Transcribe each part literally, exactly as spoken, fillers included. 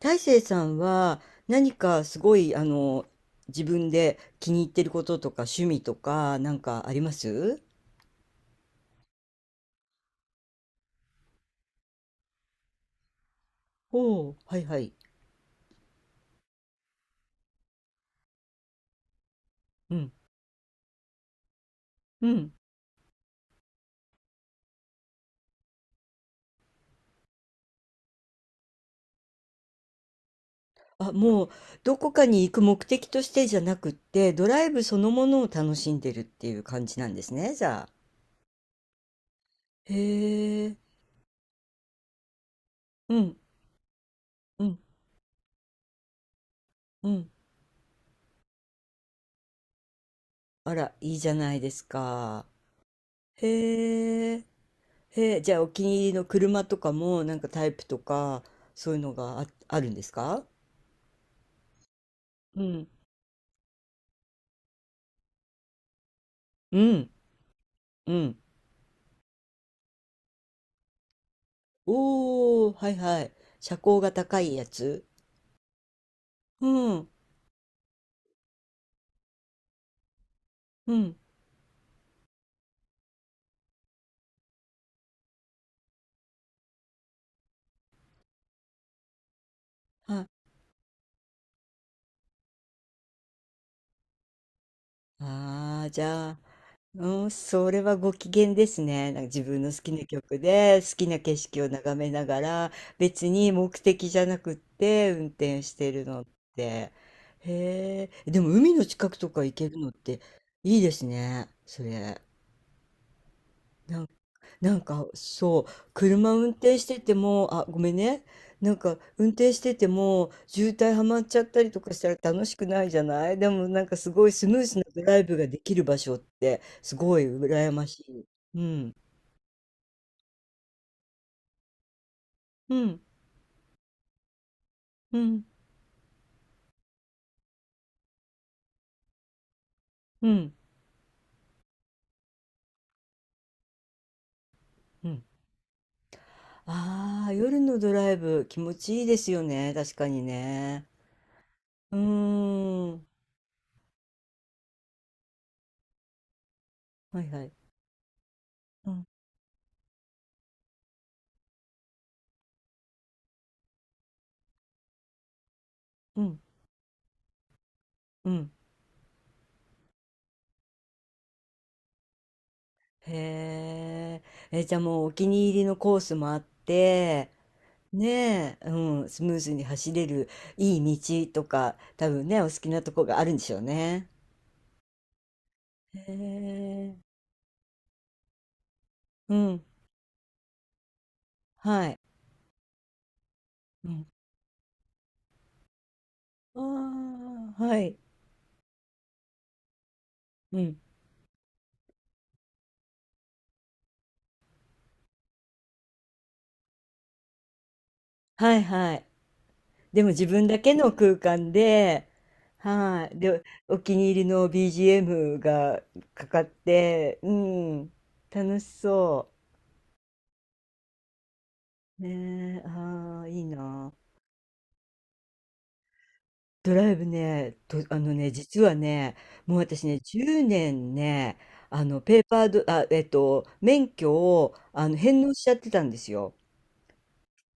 大成さんは何かすごいあの自分で気に入ってることとか趣味とかなんかあります？おおー、はいはい。うん。うん。あ、もうどこかに行く目的としてじゃなくって、ドライブそのものを楽しんでるっていう感じなんですね、じゃあ。へえ。うん。うん。うん。あら、いいじゃないですか。へえ。へえ。じゃあお気に入りの車とかもなんかタイプとか、そういうのがあ、あるんですか？うんうん、うん。おお、はいはい。車高が高いやつ。うん、うん。は、ああ、じゃあ、うん、それはご機嫌ですね。なんか自分の好きな曲で、好きな景色を眺めながら、別に目的じゃなくって運転してるのって。へえ、でも海の近くとか行けるのっていいですね、それ。なんかそう、車運転してても、あ、ごめんね。なんか運転してても渋滞はまっちゃったりとかしたら楽しくないじゃない。でもなんかすごいスムーズなドライブができる場所ってすごい羨ましい。うん、うん、うん、うん、うん、ああー、夜のドライブ気持ちいいですよね、確かにね。うーん、はいはい。うん、うん、うん、へーえ、じゃあもうお気に入りのコースもあって。ねえ、うん、スムーズに走れるいい道とか、多分ね、お好きなとこがあるんでしょうね。へえ、うん、はい。うん、ああ、はい。うん、はいはい。でも自分だけの空間で、はい。で、お気に入りの ビージーエム がかかって、うん、楽しそう。ねえ、ああ、いいな。ドライブね、と、あのね、実はね、もう私ね、じゅうねんねんね、あの、ペーパード、あ、えっと、免許を、あの、返納しちゃってたんですよ。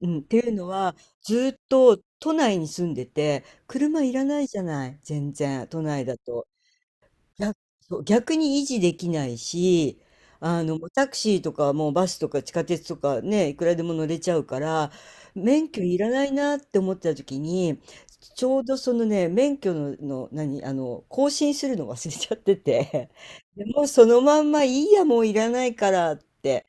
うん、っていうのは、ずっと都内に住んでて、車いらないじゃない、全然、都内だと。や、そう、逆に維持できないし、あの、もうタクシーとか、もうバスとか地下鉄とかね、いくらでも乗れちゃうから、免許いらないなって思ってた時に、ちょうどそのね、免許の、の何、あの、更新するの忘れちゃってて、で、もうそのまんまいいや、もういらないからって、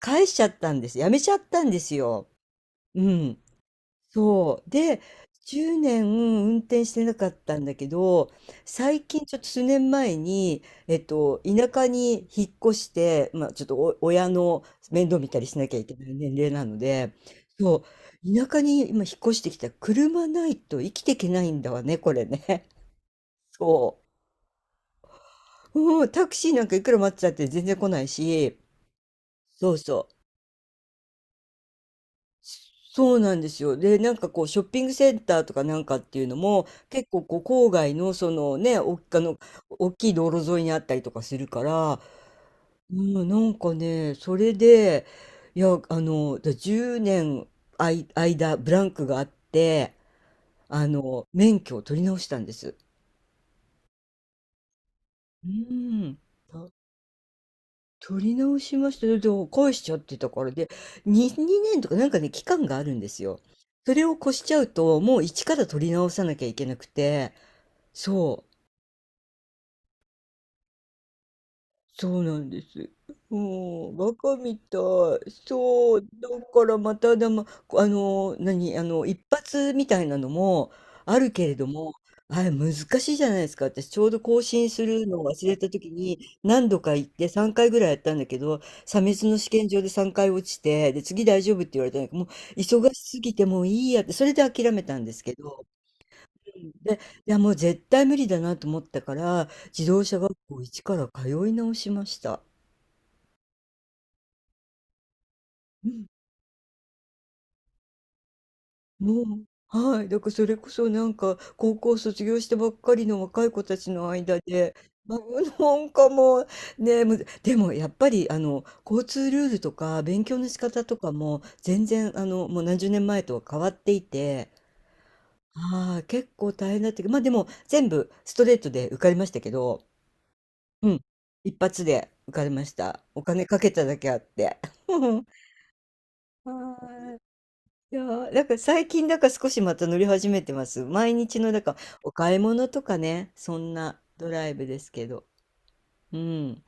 返しちゃったんです。やめちゃったんですよ。うん。そう。で、じゅうねん運転してなかったんだけど、最近、ちょっと数年前に、えっと、田舎に引っ越して、まあ、ちょっとお親の面倒見たりしなきゃいけない年齢なので、そう、田舎に今引っ越してきたら車ないと生きていけないんだわね、これね。そう。うん、タクシーなんかいくら待ってたって全然来ないし、そうそう。そうなんですよ。で、なんかこう、ショッピングセンターとかなんかっていうのも、結構こう、郊外の、そのね、お、あの、大きい道路沿いにあったりとかするから、うん、なんかね、それで、いや、あの、だじゅうねんあい、間、ブランクがあって、あの、免許を取り直したんです。うん。取り直しました。で返しちゃってたから、で、ににねんとかなんかね、期間があるんですよ。それを越しちゃうと、もう一から取り直さなきゃいけなくて、そう。そうなんです。もう、ん、バカみたい。そう、だからまたでも、あの、何、あの、一発みたいなのもあるけれども、あれ難しいじゃないですか。私ちょうど更新するのを忘れた時に何度か行ってさんかいぐらいやったんだけど、査別の試験場でさんかい落ちて、で、次大丈夫って言われたんだけど、もう忙しすぎてもういいやって、それで諦めたんですけど、うん、で、いやもう絶対無理だなと思ったから、自動車学校一から通い直しました。うん、もう、はい、だからそれこそなんか、高校卒業したばっかりの若い子たちの間で、あの、なんかもう、ね、むでも、やっぱりあの、交通ルールとか勉強の仕方とかも全然あの、もう何十年前とは変わっていて、あい、結構大変だったけど、ま、でも全部ストレートで受かりましたけど、うん、一発で受かりました。お金かけただけあって。はーい。いやー、なんか最近だから少しまた乗り始めてます。毎日のなんかお買い物とかね、そんなドライブですけど。うん。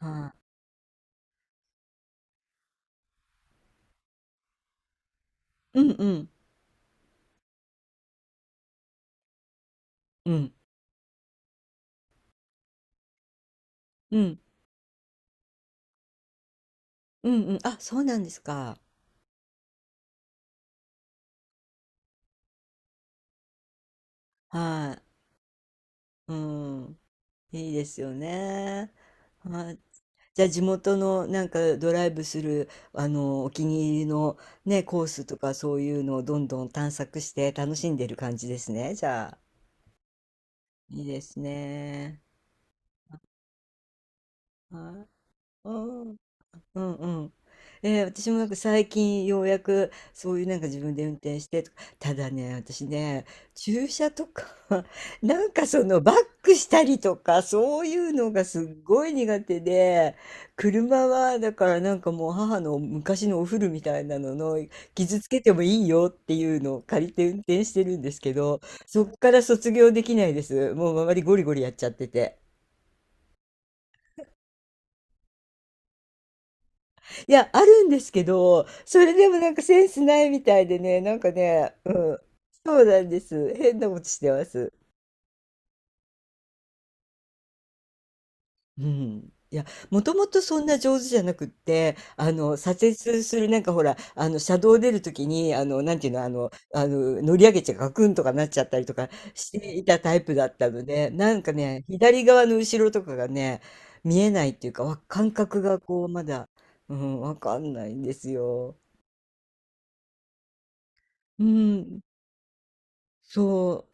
はい。うん、うん、うん、うん、うん、うん。あ、そうなんですか。はい。うん。いいですよね。はい。じゃあ地元のなんかドライブするあのお気に入りのね、コースとか、そういうのをどんどん探索して楽しんでる感じですね。じゃあいいですね。はい。うん、うん、うん。えー私もなんか最近ようやく、そういうなんか自分で運転してとか、ただね、私ね、駐車とか なんかそのバックしたりとか、そういうのがすっごい苦手で、車はだからなんかもう、母の昔のお古みたいなのの、傷つけてもいいよっていうのを借りて運転してるんですけど、そっから卒業できないです。もう周りゴリゴリやっちゃってて。いや、あるんですけど、それでもなんかセンスないみたいでね、なんかね、うん、そうなんです。変なことしてます。うん。いや、もともとそんな上手じゃなくって、あの、左折する、なんかほら、あの、車道出るときに、あの、なんていうの、あの、あの、乗り上げちゃガクンとかなっちゃったりとかしていたタイプだったので、なんかね、左側の後ろとかがね、見えないっていうか、わ感覚がこう、まだ、うん、わかんないんですよ。うん、そう。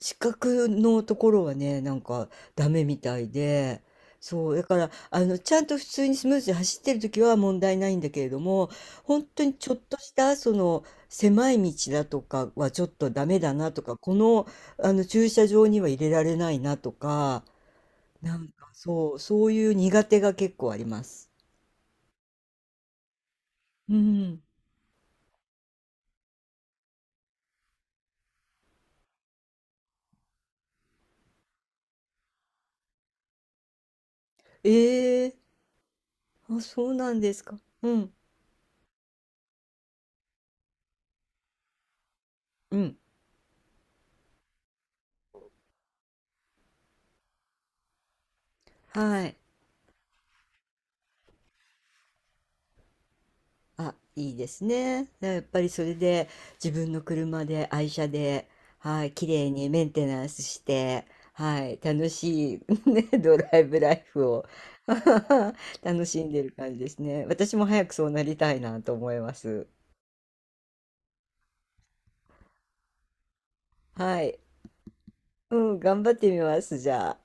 視覚のところはね、なんかダメみたいで、そう、だから、あの、ちゃんと普通にスムーズに走ってる時は問題ないんだけれども、本当にちょっとした、その、狭い道だとかはちょっとダメだなとか、この、あの、駐車場には入れられないなとか、なんかそう、そういう苦手が結構あります。うん。ええ、あ、そうなんですか。うん、うん。はい。あ、いいですね。やっぱりそれで自分の車で愛車で、はい、綺麗にメンテナンスして、はい、楽しい、ね、ドライブライフを 楽しんでる感じですね。私も早くそうなりたいなと思います。はい、うん、頑張ってみます、じゃあ。